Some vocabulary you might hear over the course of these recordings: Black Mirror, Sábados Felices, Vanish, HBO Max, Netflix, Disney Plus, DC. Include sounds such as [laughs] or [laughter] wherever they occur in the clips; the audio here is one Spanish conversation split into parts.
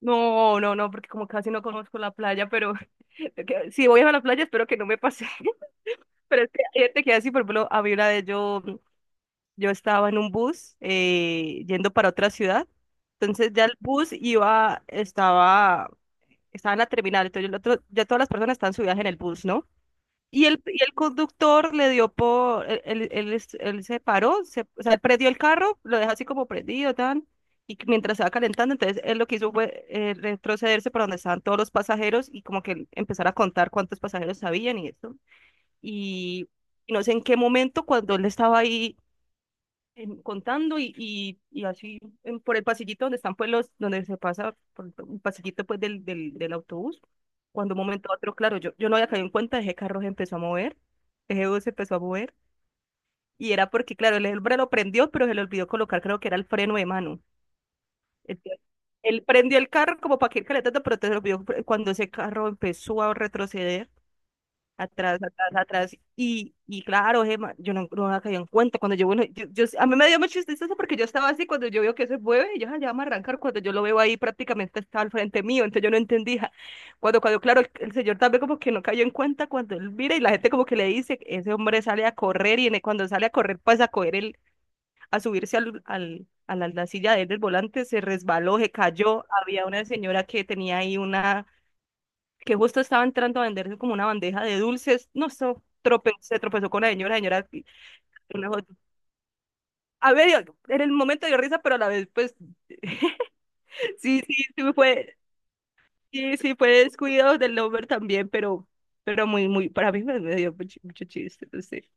No, no, no, porque como casi no conozco la playa, pero [laughs] si voy a la playa espero que no me pase. [laughs] Pero es que hay gente que así, por ejemplo, a mí una vez yo estaba en un bus yendo para otra ciudad, entonces ya el bus iba, estaba en la terminal, entonces el otro, ya todas las personas están subidas en el bus, ¿no? Y el conductor le dio por, él se paró, o sea, él prendió el carro, lo deja así como prendido, tan, y que mientras estaba calentando, entonces él lo que hizo fue retrocederse para donde estaban todos los pasajeros y como que empezar a contar cuántos pasajeros habían y eso. Y, y no sé en qué momento, cuando él estaba ahí contando y así por el pasillito donde están pues los, donde se pasa por el pasillito pues del autobús. Cuando un momento a otro, claro, yo no había caído en cuenta, ese carro se empezó a mover, ese bus se empezó a mover, y era porque, claro, el hombre lo prendió, pero se le olvidó colocar, creo que era el freno de mano. Entonces, él prendió el carro como para que ir calentando, pero entonces se le olvidó, cuando ese carro empezó a retroceder atrás, atrás, atrás. Y claro, Gemma, yo no, no había caído en cuenta. Cuando yo, bueno, a mí me dio mucha tristeza porque yo estaba así, cuando yo veo que se mueve, y yo "Ah, ya vamos a arrancar, cuando yo lo veo ahí prácticamente estaba al frente mío, entonces yo no entendía. Claro, el señor también como que no cayó en cuenta cuando él mira y la gente como que le dice, ese hombre sale a correr y cuando sale a correr pasa a coger el, a subirse la silla de él del volante, se resbaló, se cayó. Había una señora que tenía ahí una que justo estaba entrando a venderse como una bandeja de dulces. No, se tropezó con la señora. Una A ver, en el momento dio risa, pero a la vez, pues, [laughs] sí, sí fue, sí, sí fue descuido del Lover también, pero muy, muy, para mí me dio mucho, mucho chiste, no sé.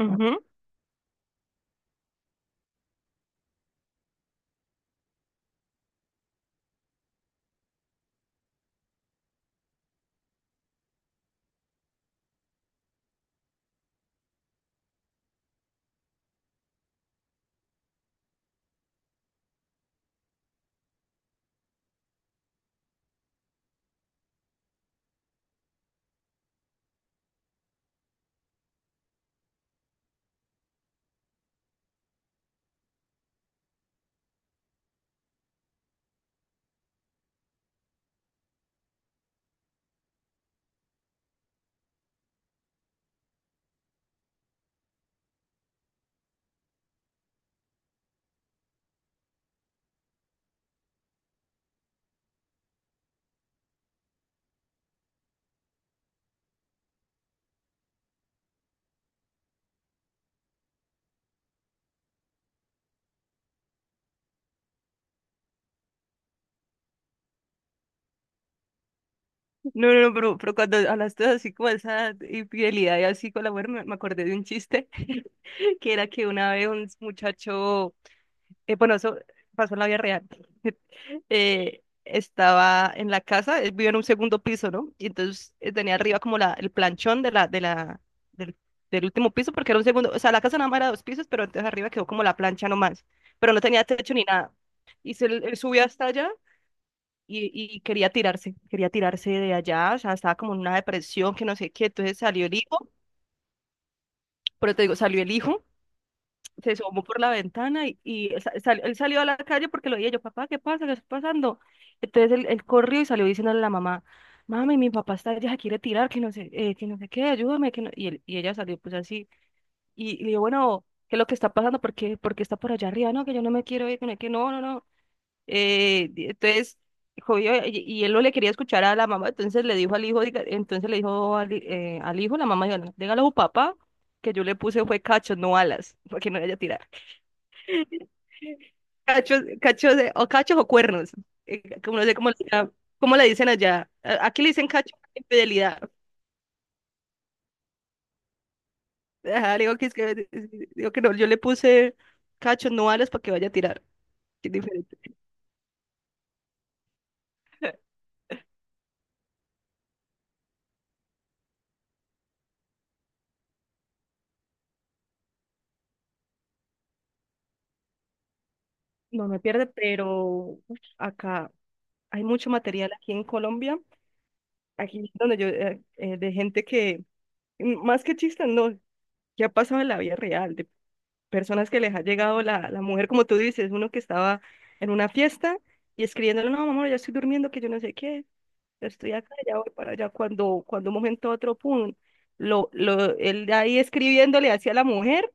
Ujú. No, pero cuando hablaste así como de esa infidelidad y así con la mujer, me acordé de un chiste [laughs] que era que una vez un muchacho, bueno, eso pasó en la vida real. Estaba en la casa, él vivía en un segundo piso, ¿no? Y entonces tenía arriba como la, el planchón del, del último piso, porque era un segundo, o sea, la casa nada más era dos pisos, pero entonces arriba quedó como la plancha nomás, pero no tenía techo ni nada. Y él subió hasta allá y quería tirarse de allá, o sea, estaba como en una depresión, que no sé qué, entonces salió el hijo, pero te digo, salió el hijo, se asomó por la ventana y, él salió a la calle porque lo veía yo, papá, ¿qué pasa? ¿Qué está pasando? Entonces él corrió y salió diciéndole a la mamá, mami, mi papá está allá, quiere tirar, que no sé qué, ayúdame, que no... Y, él, y ella salió pues así, y le digo, bueno, ¿qué es lo que está pasando? ¿Por qué está por allá arriba? No, que yo no me quiero ir, que no, no, no. Entonces, jodió, y él no le quería escuchar a la mamá, entonces le dijo al hijo, la mamá, diga, dígale a su papá que yo le puse fue cacho, no alas, [laughs] para que no le haya tirado. Cachos, o cachos o cuernos. Como no sé cómo, cómo le dicen allá. Aquí le dicen cacho a la infidelidad. Ajá, le digo que es que, digo que no, yo le puse cacho, no alas para que vaya a tirar. Que Es diferente. No me pierde, pero uf, acá hay mucho material aquí en Colombia, aquí donde yo, de gente que, mm, más que chistes, no, que ha pasado en la vida real, personas que les ha llegado la mujer, como tú dices, uno que estaba en una fiesta y escribiéndole, no, mamá ya estoy durmiendo, que yo no sé qué, ya estoy acá, ya voy para allá, cuando un momento a otro, pum, él ahí escribiéndole hacia la mujer,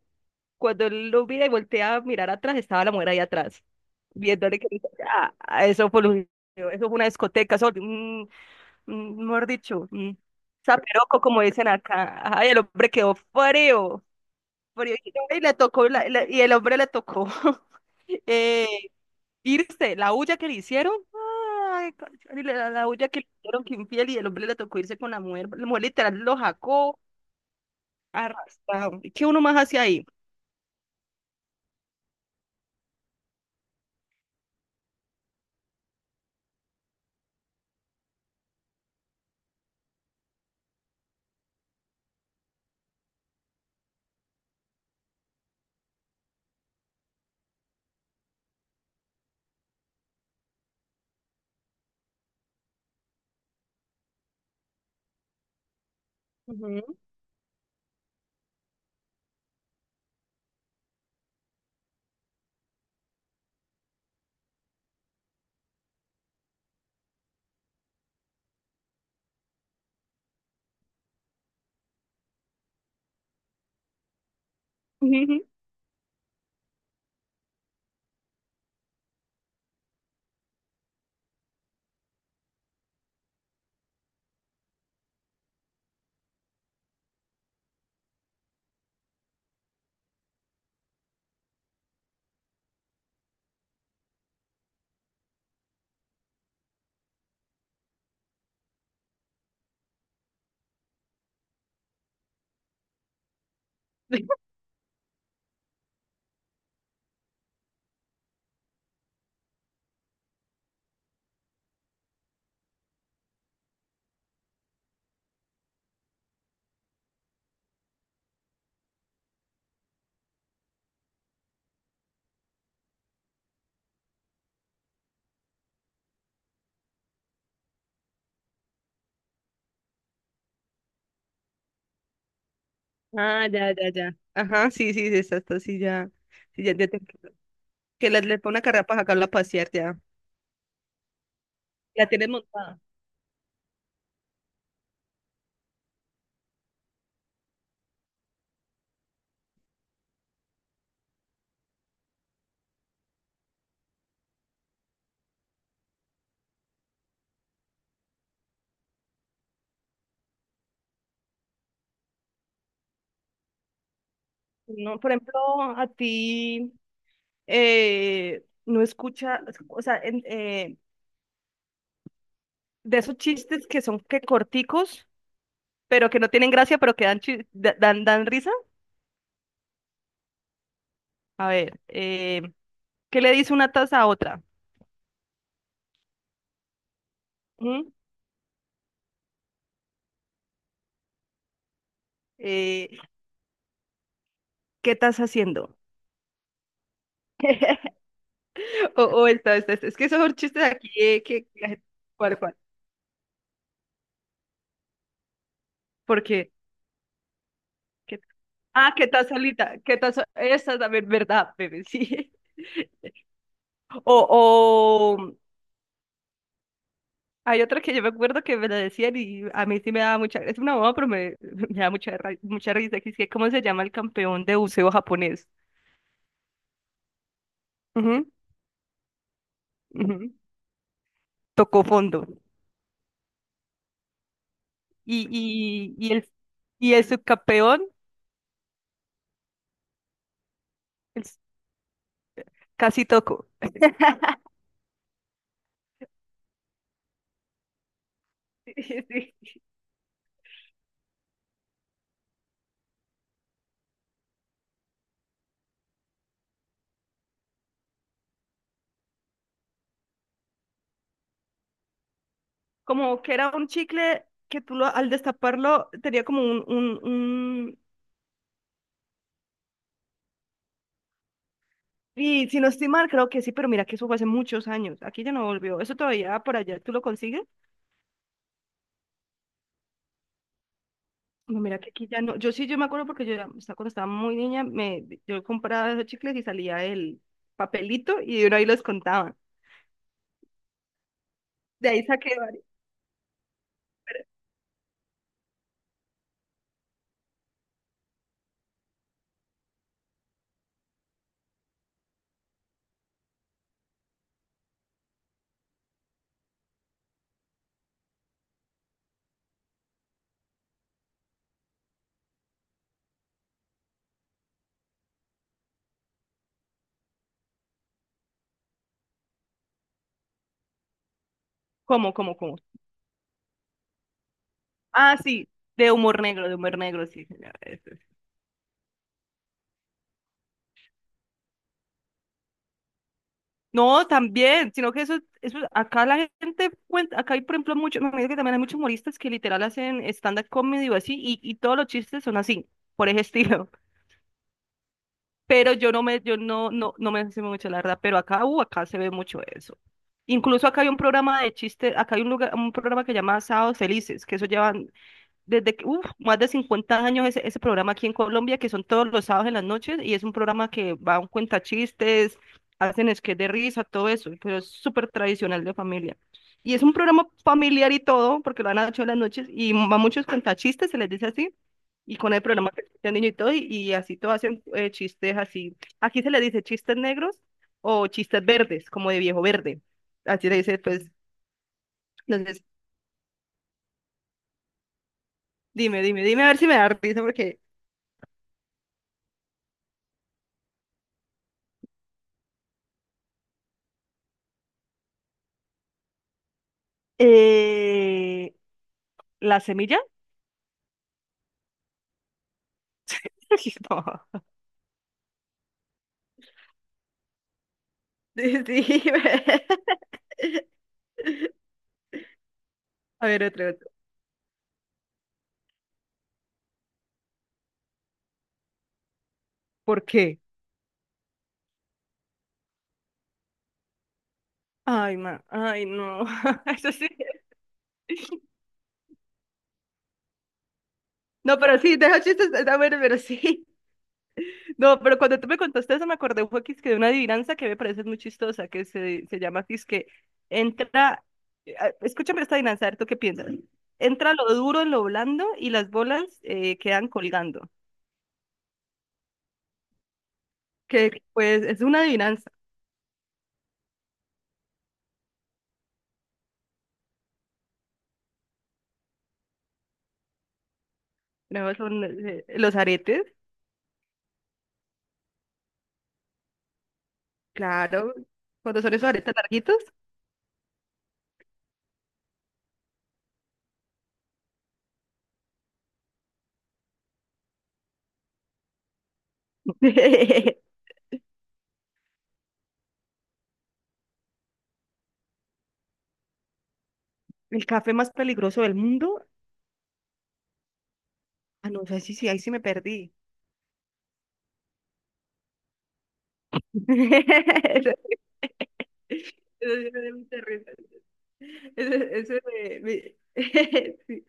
cuando él lo mira y voltea a mirar atrás, estaba la mujer ahí atrás, viéndole que eso fue, eso fue una discoteca, eso, mejor dicho, zaperoco, como dicen acá, ay, el hombre quedó frío. Briónica, y le tocó, y el hombre le tocó [laughs] eh, irse, la huya que le hicieron, ay, y la huya que le hicieron que infiel y el hombre le tocó irse con la mujer literal lo jacó, arrastrado, ¿y qué uno más hace ahí? Ujú, ujú. [laughs] Ah, ya, ya, ya, ajá, sí, sí, sí, está, está, sí, ya, sí, que le pone una carrera para sacarla a pasear, ya, la tienes montada. No, por ejemplo, a ti no escucha, o sea, en- eh, de esos chistes que son que corticos, pero que no tienen gracia, pero que dan, dan risa. A ver, ¿qué le dice una taza a otra? ¿Mm? Eh, ¿Qué estás haciendo? [laughs] Esta. Es que esos son chistes aquí, que la gente... ¿cuál? Porque, ¿qué? Ah, ¿qué estás solita? ¿Qué estás? Esa es la verdad, bebé, sí. [laughs] O, hay otra que yo me acuerdo que me la decían y a mí sí me daba mucha, es una bomba, pero me, [laughs] me da mucha, mucha risa, que es que ¿cómo se llama el campeón de buceo japonés? Ujú, ujú. Tocó fondo. Y el, y el subcampeón, el s- casi tocó. [laughs] Sí, sí. Como que era un chicle que tú lo, al destaparlo tenía como un... Y si no estoy mal, creo que sí, pero mira que eso fue hace muchos años. Aquí ya no volvió. ¿Eso todavía por allá tú lo consigues? No, mira que aquí ya no. Yo sí, yo me acuerdo porque cuando estaba muy niña, yo compraba esos chicles y salía el papelito y uno ahí los contaba. De ahí saqué varios. ¿Cómo? Ah, sí, de humor negro, sí. Señora, eso es. No, también, sino que eso, acá la gente cuenta, acá hay, por ejemplo, mucho, me parece que también hay muchos humoristas que literal hacen stand-up comedy o así, y todos los chistes son así, por ese [laughs] estilo. Pero yo no me, yo no, no, no me sé mucho la verdad, pero acá, acá se ve mucho eso. Incluso acá hay un programa de chistes, acá hay un lugar, un programa que se llama Sábados Felices, que eso llevan desde que, uf, más de 50 años ese programa aquí en Colombia, que son todos los sábados en las noches, y es un programa que va a un cuentachistes, hacen sketch de risa, todo eso, pero es súper tradicional de familia. Y es un programa familiar y todo, porque lo han hecho en las noches, y va muchos cuentachistes, se les dice así, y con el programa que escucha el niño y todo, y así todo hacen chistes así. Aquí se les dice chistes negros o chistes verdes, como de viejo verde. Así le dice, pues, entonces, dime a ver si me da risa, porque... Eh, ¿la semilla? [laughs] No. Sí, sí. [laughs] A ver, otro, otro. ¿Por qué? Ay, ma, ay, no. [laughs] Eso sí. No, pero sí, deja chistes, está bueno, pero sí. [laughs] No, pero cuando tú me contaste eso me acordé un poquito que de una adivinanza que me parece muy chistosa, que se llama que es que entra, escúchame esta adivinanza, a ver, ¿tú qué piensas? Entra lo duro en lo blando y las bolas quedan colgando. Que pues es una adivinanza. Luego son los aretes. Claro, cuando son esos aretes larguitos. [laughs] El café más peligroso del mundo. Ah, no sé si sí, ahí sí me perdí. [laughs] Eso, eso sí me dio mucha risa. Eso, eso me- me- [laughs] sí.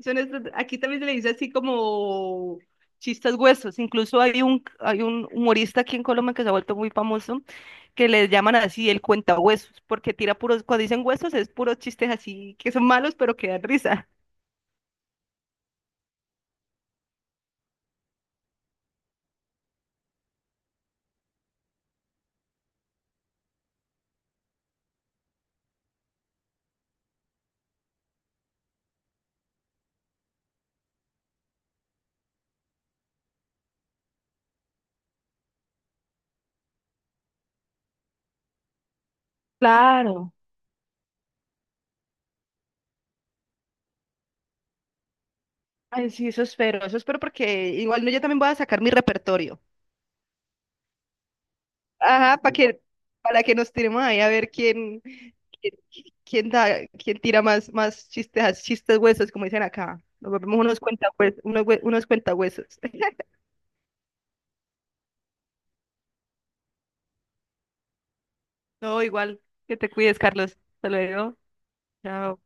Aquí también se le dice así como chistes huesos. Incluso hay un humorista aquí en Colombia que se ha vuelto muy famoso, que le llaman así el cuentahuesos, porque tira puros, cuando dicen huesos es puros chistes así que son malos, pero que dan risa. Claro. Ay, sí, eso espero porque igual no, yo también voy a sacar mi repertorio. Ajá, para que nos tiremos ahí a ver quién, quién, quién da, quién tira más, más chistes, chistes huesos, como dicen acá. Nos volvemos unos cuentahuesos, unos cuentahuesos. [laughs] No, igual, que te cuides, Carlos. Hasta luego. Chao.